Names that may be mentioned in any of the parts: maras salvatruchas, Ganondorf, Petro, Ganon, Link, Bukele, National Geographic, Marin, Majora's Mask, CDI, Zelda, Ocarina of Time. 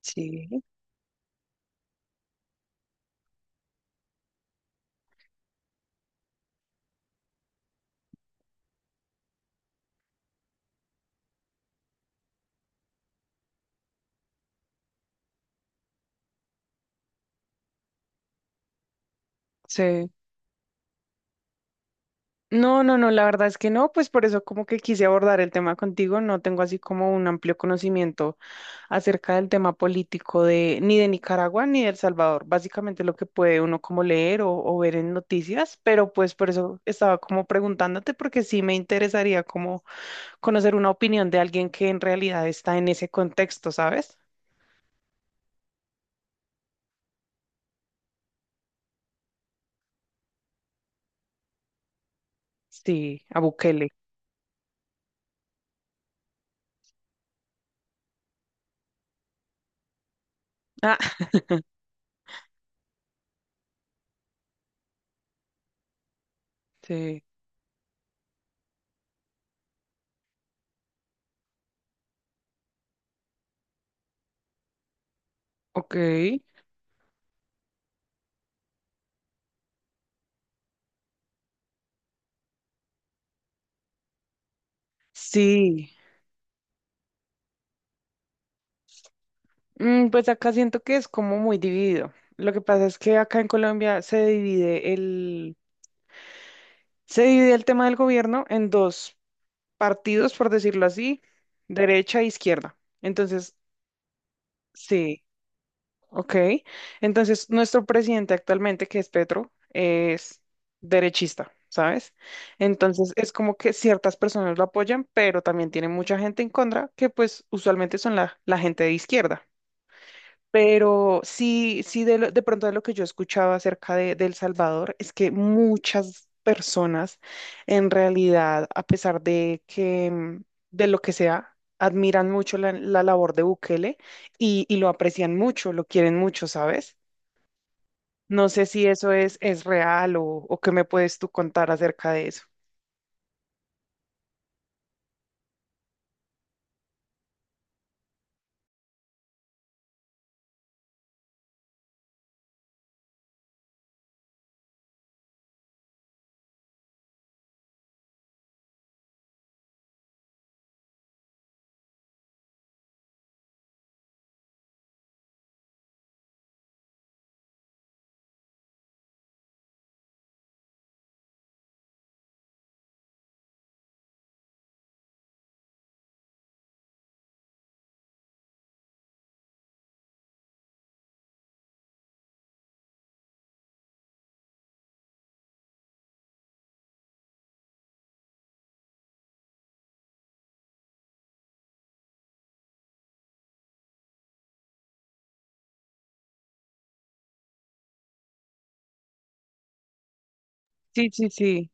Sí, sí. No, no, no, la verdad es que no, pues por eso como que quise abordar el tema contigo. No tengo así como un amplio conocimiento acerca del tema político de ni de Nicaragua ni de El Salvador, básicamente lo que puede uno como leer o ver en noticias, pero pues por eso estaba como preguntándote porque sí me interesaría como conocer una opinión de alguien que en realidad está en ese contexto, ¿sabes? Sí, a Bukele. Ah, sí, ok. Sí. Pues acá siento que es como muy dividido. Lo que pasa es que acá en Colombia se divide el tema del gobierno en dos partidos, por decirlo así, derecha e izquierda. Entonces, sí, ok. Entonces, nuestro presidente actualmente, que es Petro, es derechista, ¿sabes? Entonces, es como que ciertas personas lo apoyan, pero también tiene mucha gente en contra, que pues usualmente son la gente de izquierda. Pero sí, de pronto de lo que yo escuchaba acerca de El Salvador es que muchas personas en realidad, a pesar de que, de lo que sea, admiran mucho la labor de Bukele y lo aprecian mucho, lo quieren mucho, ¿sabes? No sé si eso es real o qué me puedes tú contar acerca de eso. Sí, sí, sí.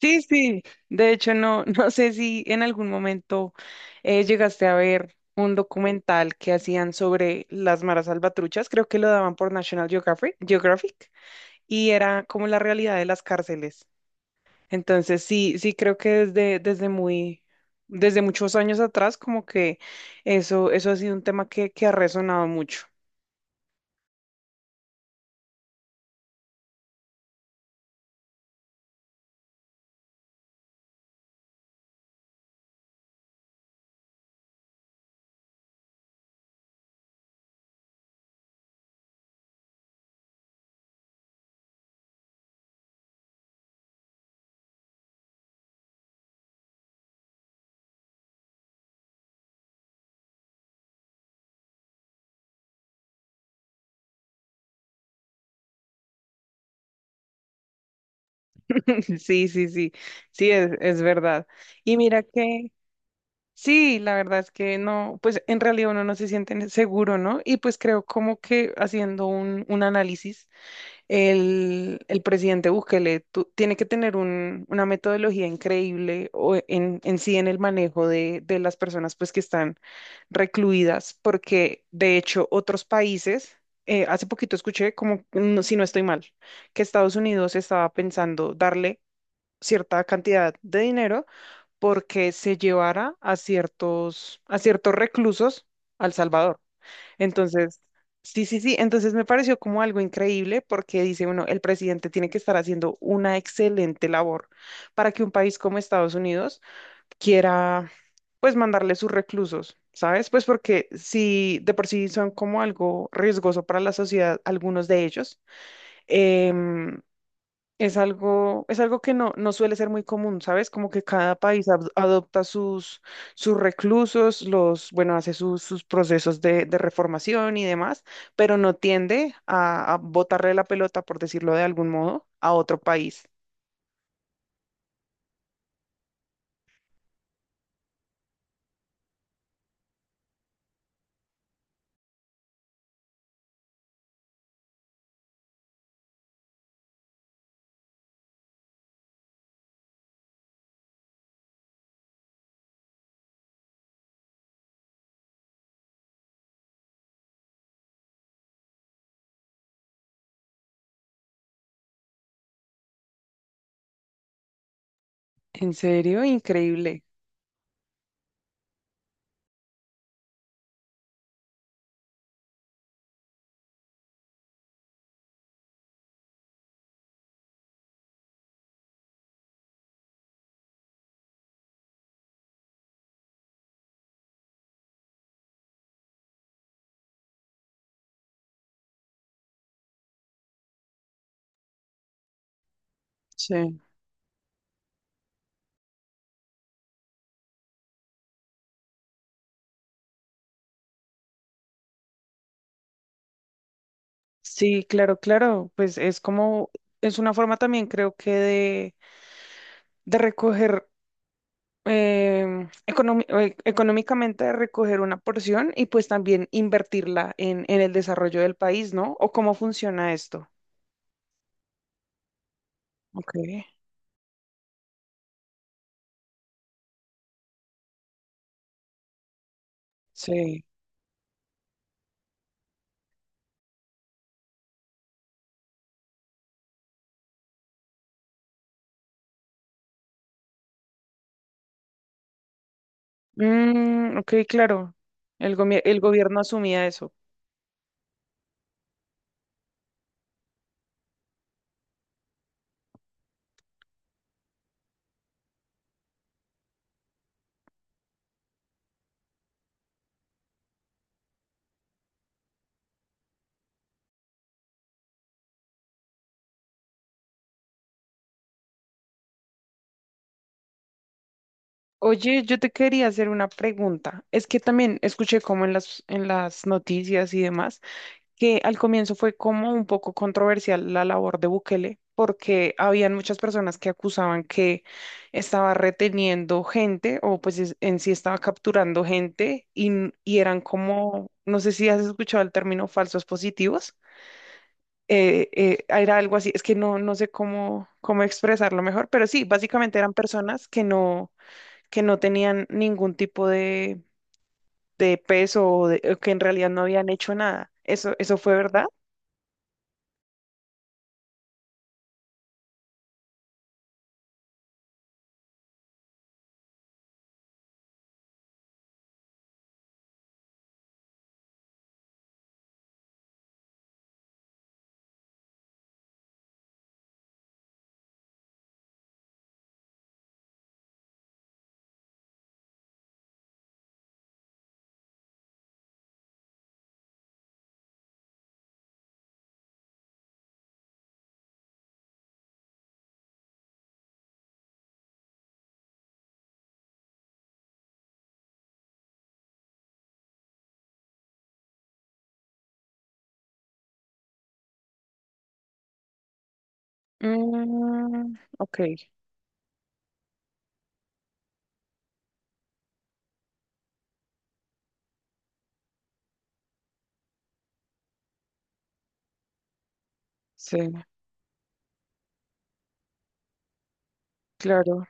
Sí, sí. De hecho, no, no sé si en algún momento llegaste a ver un documental que hacían sobre las maras salvatruchas. Creo que lo daban por National Geographic, Geographic, y era como la realidad de las cárceles. Entonces, sí, sí creo que desde muy, desde muchos años atrás, como que eso ha sido un tema que ha resonado mucho. Sí, sí, sí, sí, es verdad. Y mira que sí, la verdad es que no, pues en realidad uno no se siente seguro, ¿no? Y pues creo como que haciendo un análisis, el presidente Bukele tiene que tener una metodología increíble o en sí en el manejo de las personas pues que están recluidas, porque de hecho otros países, hace poquito escuché como, si no estoy mal, que Estados Unidos estaba pensando darle cierta cantidad de dinero porque se llevara a ciertos reclusos al Salvador. Entonces, sí, sí, sí, entonces me pareció como algo increíble porque dice uno, el presidente tiene que estar haciendo una excelente labor para que un país como Estados Unidos quiera, pues, mandarle sus reclusos. ¿Sabes? Pues porque si de por sí son como algo riesgoso para la sociedad, algunos de ellos, em, es algo que no, no suele ser muy común, ¿sabes? Como que cada país adopta sus, sus reclusos, los, bueno, hace sus, sus procesos de reformación y demás, pero no tiende a botarle la pelota, por decirlo de algún modo, a otro país. En serio, increíble. Sí. Sí, claro, claro. Pues es como, es una forma también creo que de recoger económicamente recoger una porción y pues también invertirla en el desarrollo del país, ¿no? ¿O cómo funciona esto? Ok, sí. Mm, ok, claro. El gobierno asumía eso. Oye, yo te quería hacer una pregunta. Es que también escuché como en las noticias y demás que al comienzo fue como un poco controversial la labor de Bukele, porque habían muchas personas que acusaban que estaba reteniendo gente o pues en sí estaba capturando gente y eran como, no sé si has escuchado el término falsos positivos. Era algo así, es que no, no sé cómo, cómo expresarlo mejor, pero sí, básicamente eran personas que no tenían ningún tipo de peso o que en realidad no habían hecho nada. ¿Eso, eso fue verdad? Mm, ok, sí, claro.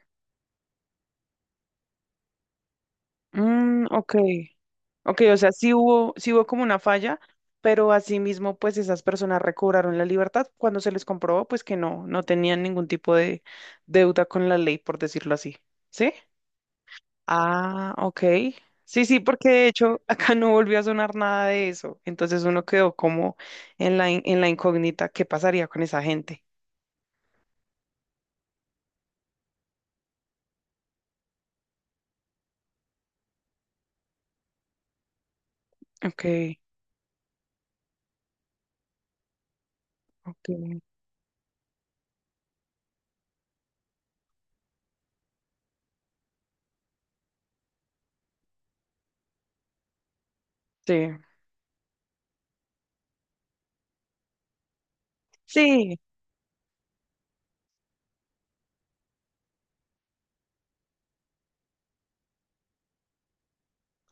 Mm, ok, ok, o sea, sí hubo como una falla, pero asimismo, pues esas personas recobraron la libertad cuando se les comprobó, pues que no, no tenían ningún tipo de deuda con la ley, por decirlo así. ¿Sí? Ah, ok. Sí, sí, porque de hecho acá no volvió a sonar nada de eso. Entonces uno quedó como en la, en la incógnita, ¿qué pasaría con esa gente? Ok, ok, sí. Sí,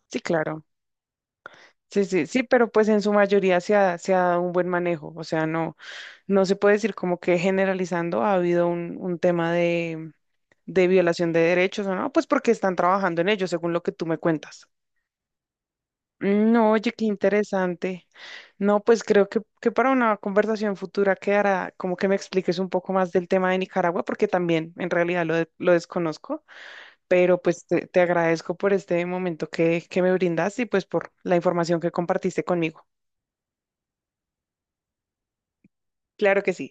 sí, claro. Sí, sí, sí, pero pues en su mayoría se ha dado un buen manejo, o sea, no, no se puede decir como que generalizando ha habido un tema de violación de derechos o no, pues porque están trabajando en ello, según lo que tú me cuentas. No, oye, qué interesante. No, pues creo que para una conversación futura quedará como que me expliques un poco más del tema de Nicaragua, porque también en realidad lo desconozco, pero pues te agradezco por este momento que me brindas y pues por la información que compartiste conmigo. Claro que sí.